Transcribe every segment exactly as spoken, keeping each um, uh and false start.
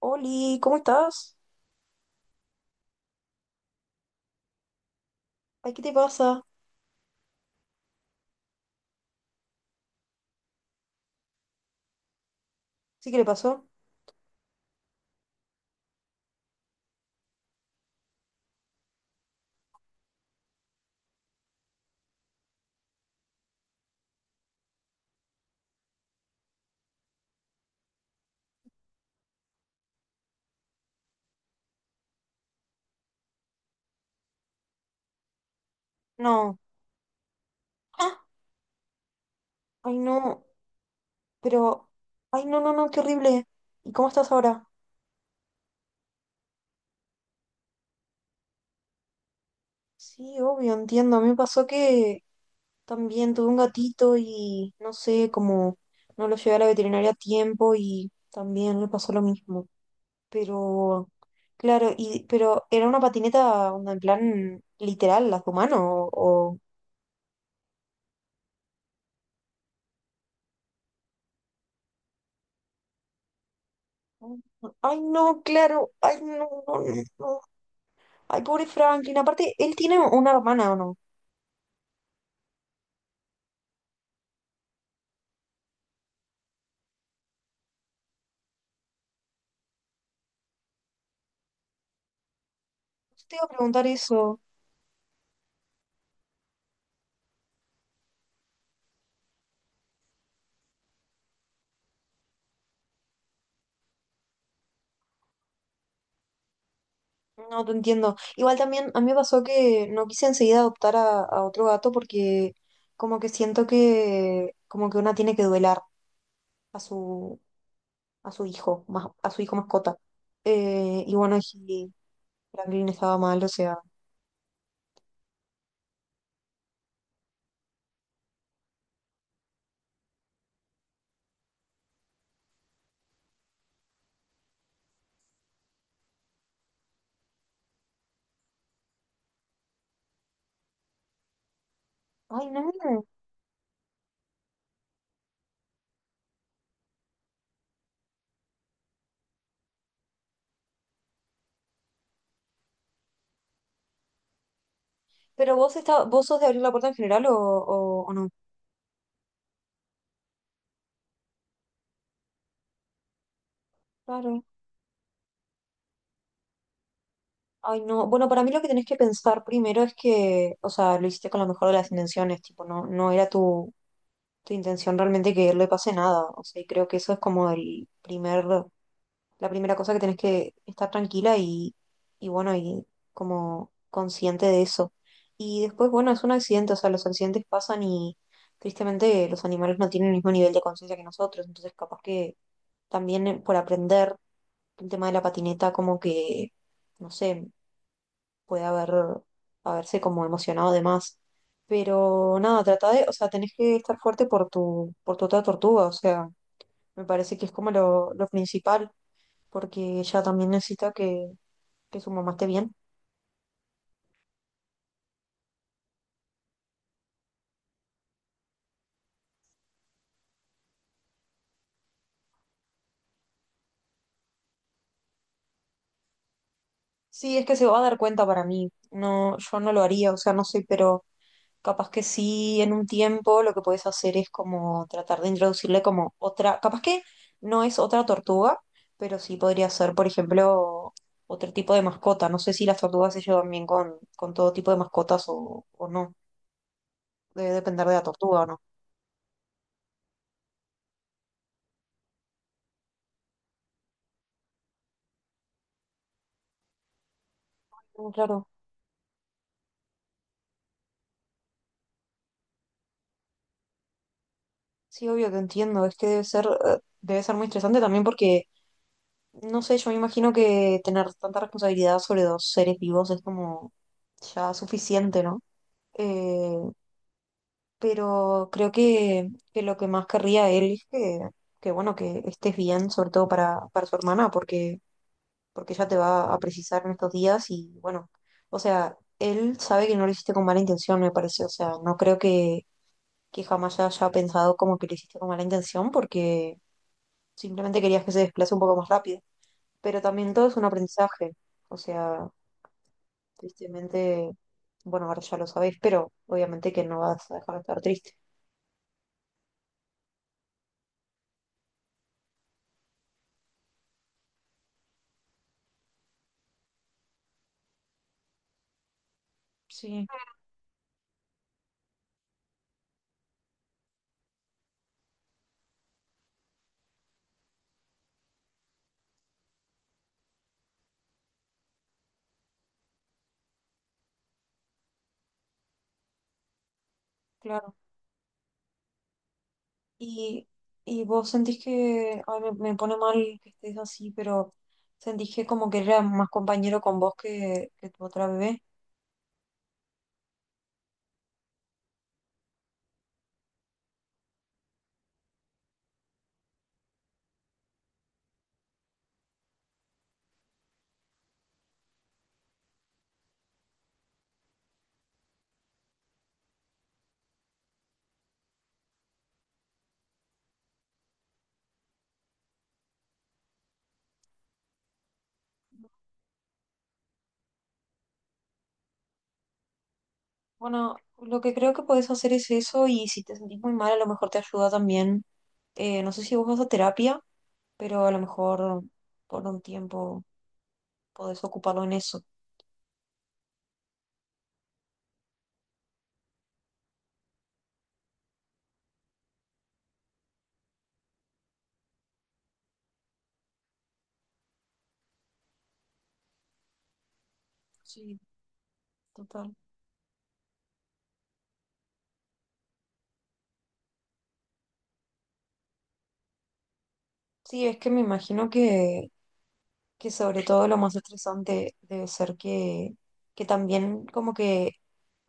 Oli, ¿cómo estás? Ay, ¿qué te pasa? ¿Sí que le pasó? No. ¡Ah! Ay, no, pero... Ay, no, no, no, qué horrible. ¿Y cómo estás ahora? Sí, obvio, entiendo. A mí me pasó que también tuve un gatito y no sé, como no lo llevé a la veterinaria a tiempo y también le pasó lo mismo. Pero, claro, y pero era una patineta onda, en plan literal, las de humano o... o- Ay, no, claro, ay, no, no, no, no. Ay, pobre Franklin. Aparte, él tiene una hermana, ¿o no? Te iba a preguntar eso. No, te entiendo. Igual también a mí me pasó que no quise enseguida adoptar a, a otro gato porque como que siento que como que una tiene que duelar a su a su hijo, más, a su hijo mascota. Eh, y bueno, y Franklin estaba mal, o sea. Ay, no. Pero vos está, vos sos de abrir la puerta en general o, o, o no. Claro. Ay, no. Bueno, para mí lo que tenés que pensar primero es que, o sea, lo hiciste con la mejor de las intenciones, tipo, no, no era tu, tu intención realmente que le pase nada. O sea, y creo que eso es como el primer, la primera cosa que tenés que estar tranquila y, y bueno, y como consciente de eso. Y después, bueno, es un accidente, o sea, los accidentes pasan y tristemente los animales no tienen el mismo nivel de conciencia que nosotros, entonces capaz que también eh, por aprender el tema de la patineta, como que, no sé, puede haber, haberse como emocionado de más. Pero nada, trata de, o sea, tenés que estar fuerte por tu, por tu otra tortuga, o sea, me parece que es como lo, lo principal, porque ella también necesita que, que su mamá esté bien. Sí, es que se va a dar cuenta para mí, no, yo no lo haría, o sea, no sé, pero capaz que sí, en un tiempo lo que puedes hacer es como tratar de introducirle como otra, capaz que no es otra tortuga, pero sí podría ser, por ejemplo, otro tipo de mascota. No sé si las tortugas se llevan bien con, con todo tipo de mascotas o, o no. Debe depender de la tortuga o no. Mm, claro, sí, obvio que entiendo. Es que debe ser, eh, debe ser muy estresante también porque, no sé, yo me imagino que tener tanta responsabilidad sobre dos seres vivos es como ya suficiente, ¿no? Eh, pero creo que, que lo que más querría él es que, que, bueno, que estés bien, sobre todo para, para su hermana, porque, porque ella te va a precisar en estos días y bueno, o sea, él sabe que no lo hiciste con mala intención, me parece, o sea, no creo que, que jamás haya pensado como que lo hiciste con mala intención, porque simplemente querías que se desplace un poco más rápido, pero también todo es un aprendizaje, o sea, tristemente, bueno, ahora ya lo sabéis, pero obviamente que no vas a dejar de estar triste. Sí, claro. Y, y vos sentís que, ay, me, me pone mal que estés así, pero sentís que como que él era más compañero con vos que, que tu otra bebé. Bueno, lo que creo que podés hacer es eso y si te sentís muy mal, a lo mejor te ayuda también. Eh, no sé si vos vas a terapia, pero a lo mejor por un tiempo podés ocuparlo en eso. Sí, total. Sí, es que me imagino que, que sobre todo lo más estresante debe ser que, que también como que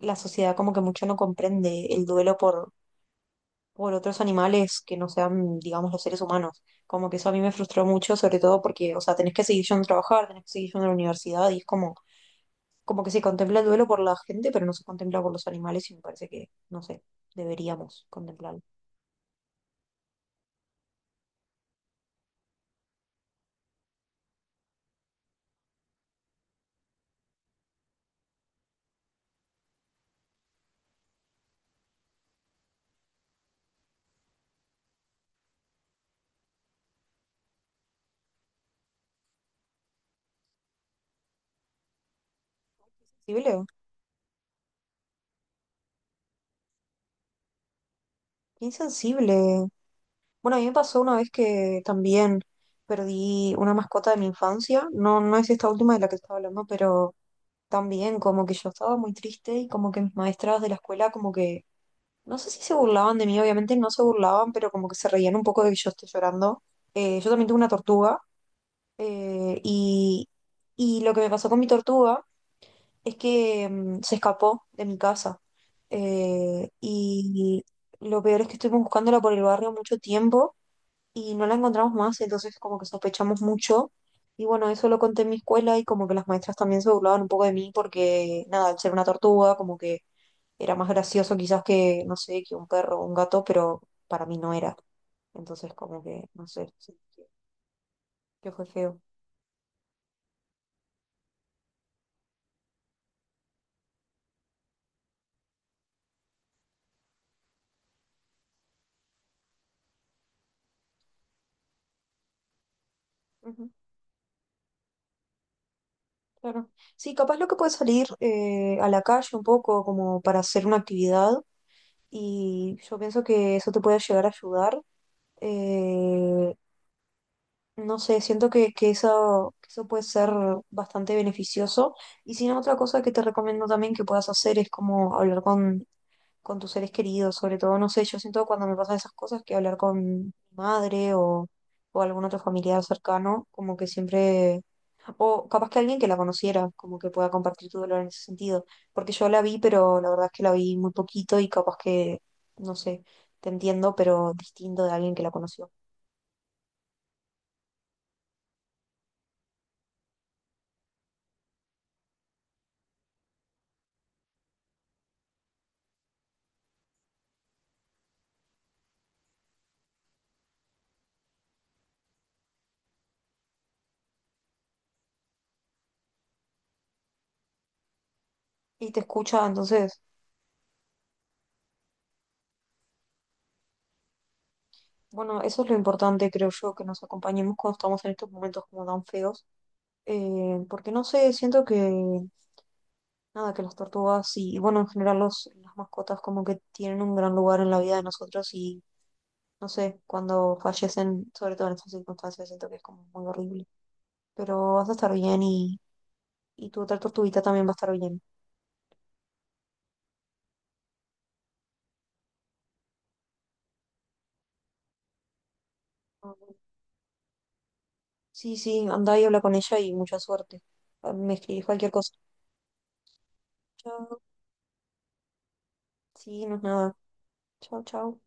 la sociedad como que mucho no comprende el duelo por, por otros animales que no sean, digamos, los seres humanos. Como que eso a mí me frustró mucho, sobre todo porque, o sea, tenés que seguir yendo a trabajar, tenés que seguir yendo a la universidad y es como, como que se contempla el duelo por la gente, pero no se contempla por los animales y me parece que, no sé, deberíamos contemplarlo. ¿Sensible? Qué insensible. Bueno, a mí me pasó una vez que también perdí una mascota de mi infancia. No, no es esta última de la que estaba hablando, pero también como que yo estaba muy triste y como que mis maestras de la escuela como que, no sé si se burlaban de mí, obviamente no se burlaban, pero como que se reían un poco de que yo esté llorando. Eh, yo también tuve una tortuga eh, y, y lo que me pasó con mi tortuga es que mm, se escapó de mi casa. Eh, y lo peor es que estuvimos buscándola por el barrio mucho tiempo y no la encontramos más, entonces como que sospechamos mucho. Y bueno, eso lo conté en mi escuela y como que las maestras también se burlaban un poco de mí porque, nada, al ser una tortuga, como que era más gracioso quizás que, no sé, que un perro o un gato, pero para mí no era. Entonces como que, no sé, sí, que, que fue feo. Ujú, claro. Sí, capaz lo que puede salir eh, a la calle un poco como para hacer una actividad y yo pienso que eso te puede llegar a ayudar. Eh, No sé, siento que, que eso, que eso puede ser bastante beneficioso. Y si no, otra cosa que te recomiendo también que puedas hacer es como hablar con, con tus seres queridos, sobre todo, no sé, yo siento que cuando me pasan esas cosas que hablar con mi madre o, o algún otro familiar cercano, como que siempre, o capaz que alguien que la conociera, como que pueda compartir tu dolor en ese sentido. Porque yo la vi, pero la verdad es que la vi muy poquito y capaz que, no sé, te entiendo, pero distinto de alguien que la conoció. Y te escucha, entonces bueno, eso es lo importante, creo yo, que nos acompañemos cuando estamos en estos momentos como tan feos. Eh, porque no sé, siento que, nada, que las tortugas y, y bueno, en general los, las mascotas como que tienen un gran lugar en la vida de nosotros y, no sé, cuando fallecen, sobre todo en estas circunstancias, siento que es como muy horrible. Pero vas a estar bien y, y tu otra tortuguita también va a estar bien. Sí, sí, anda y habla con ella y mucha suerte. Ah, me escribís cualquier cosa. Chao. Sí, no es nada. Chao, chao.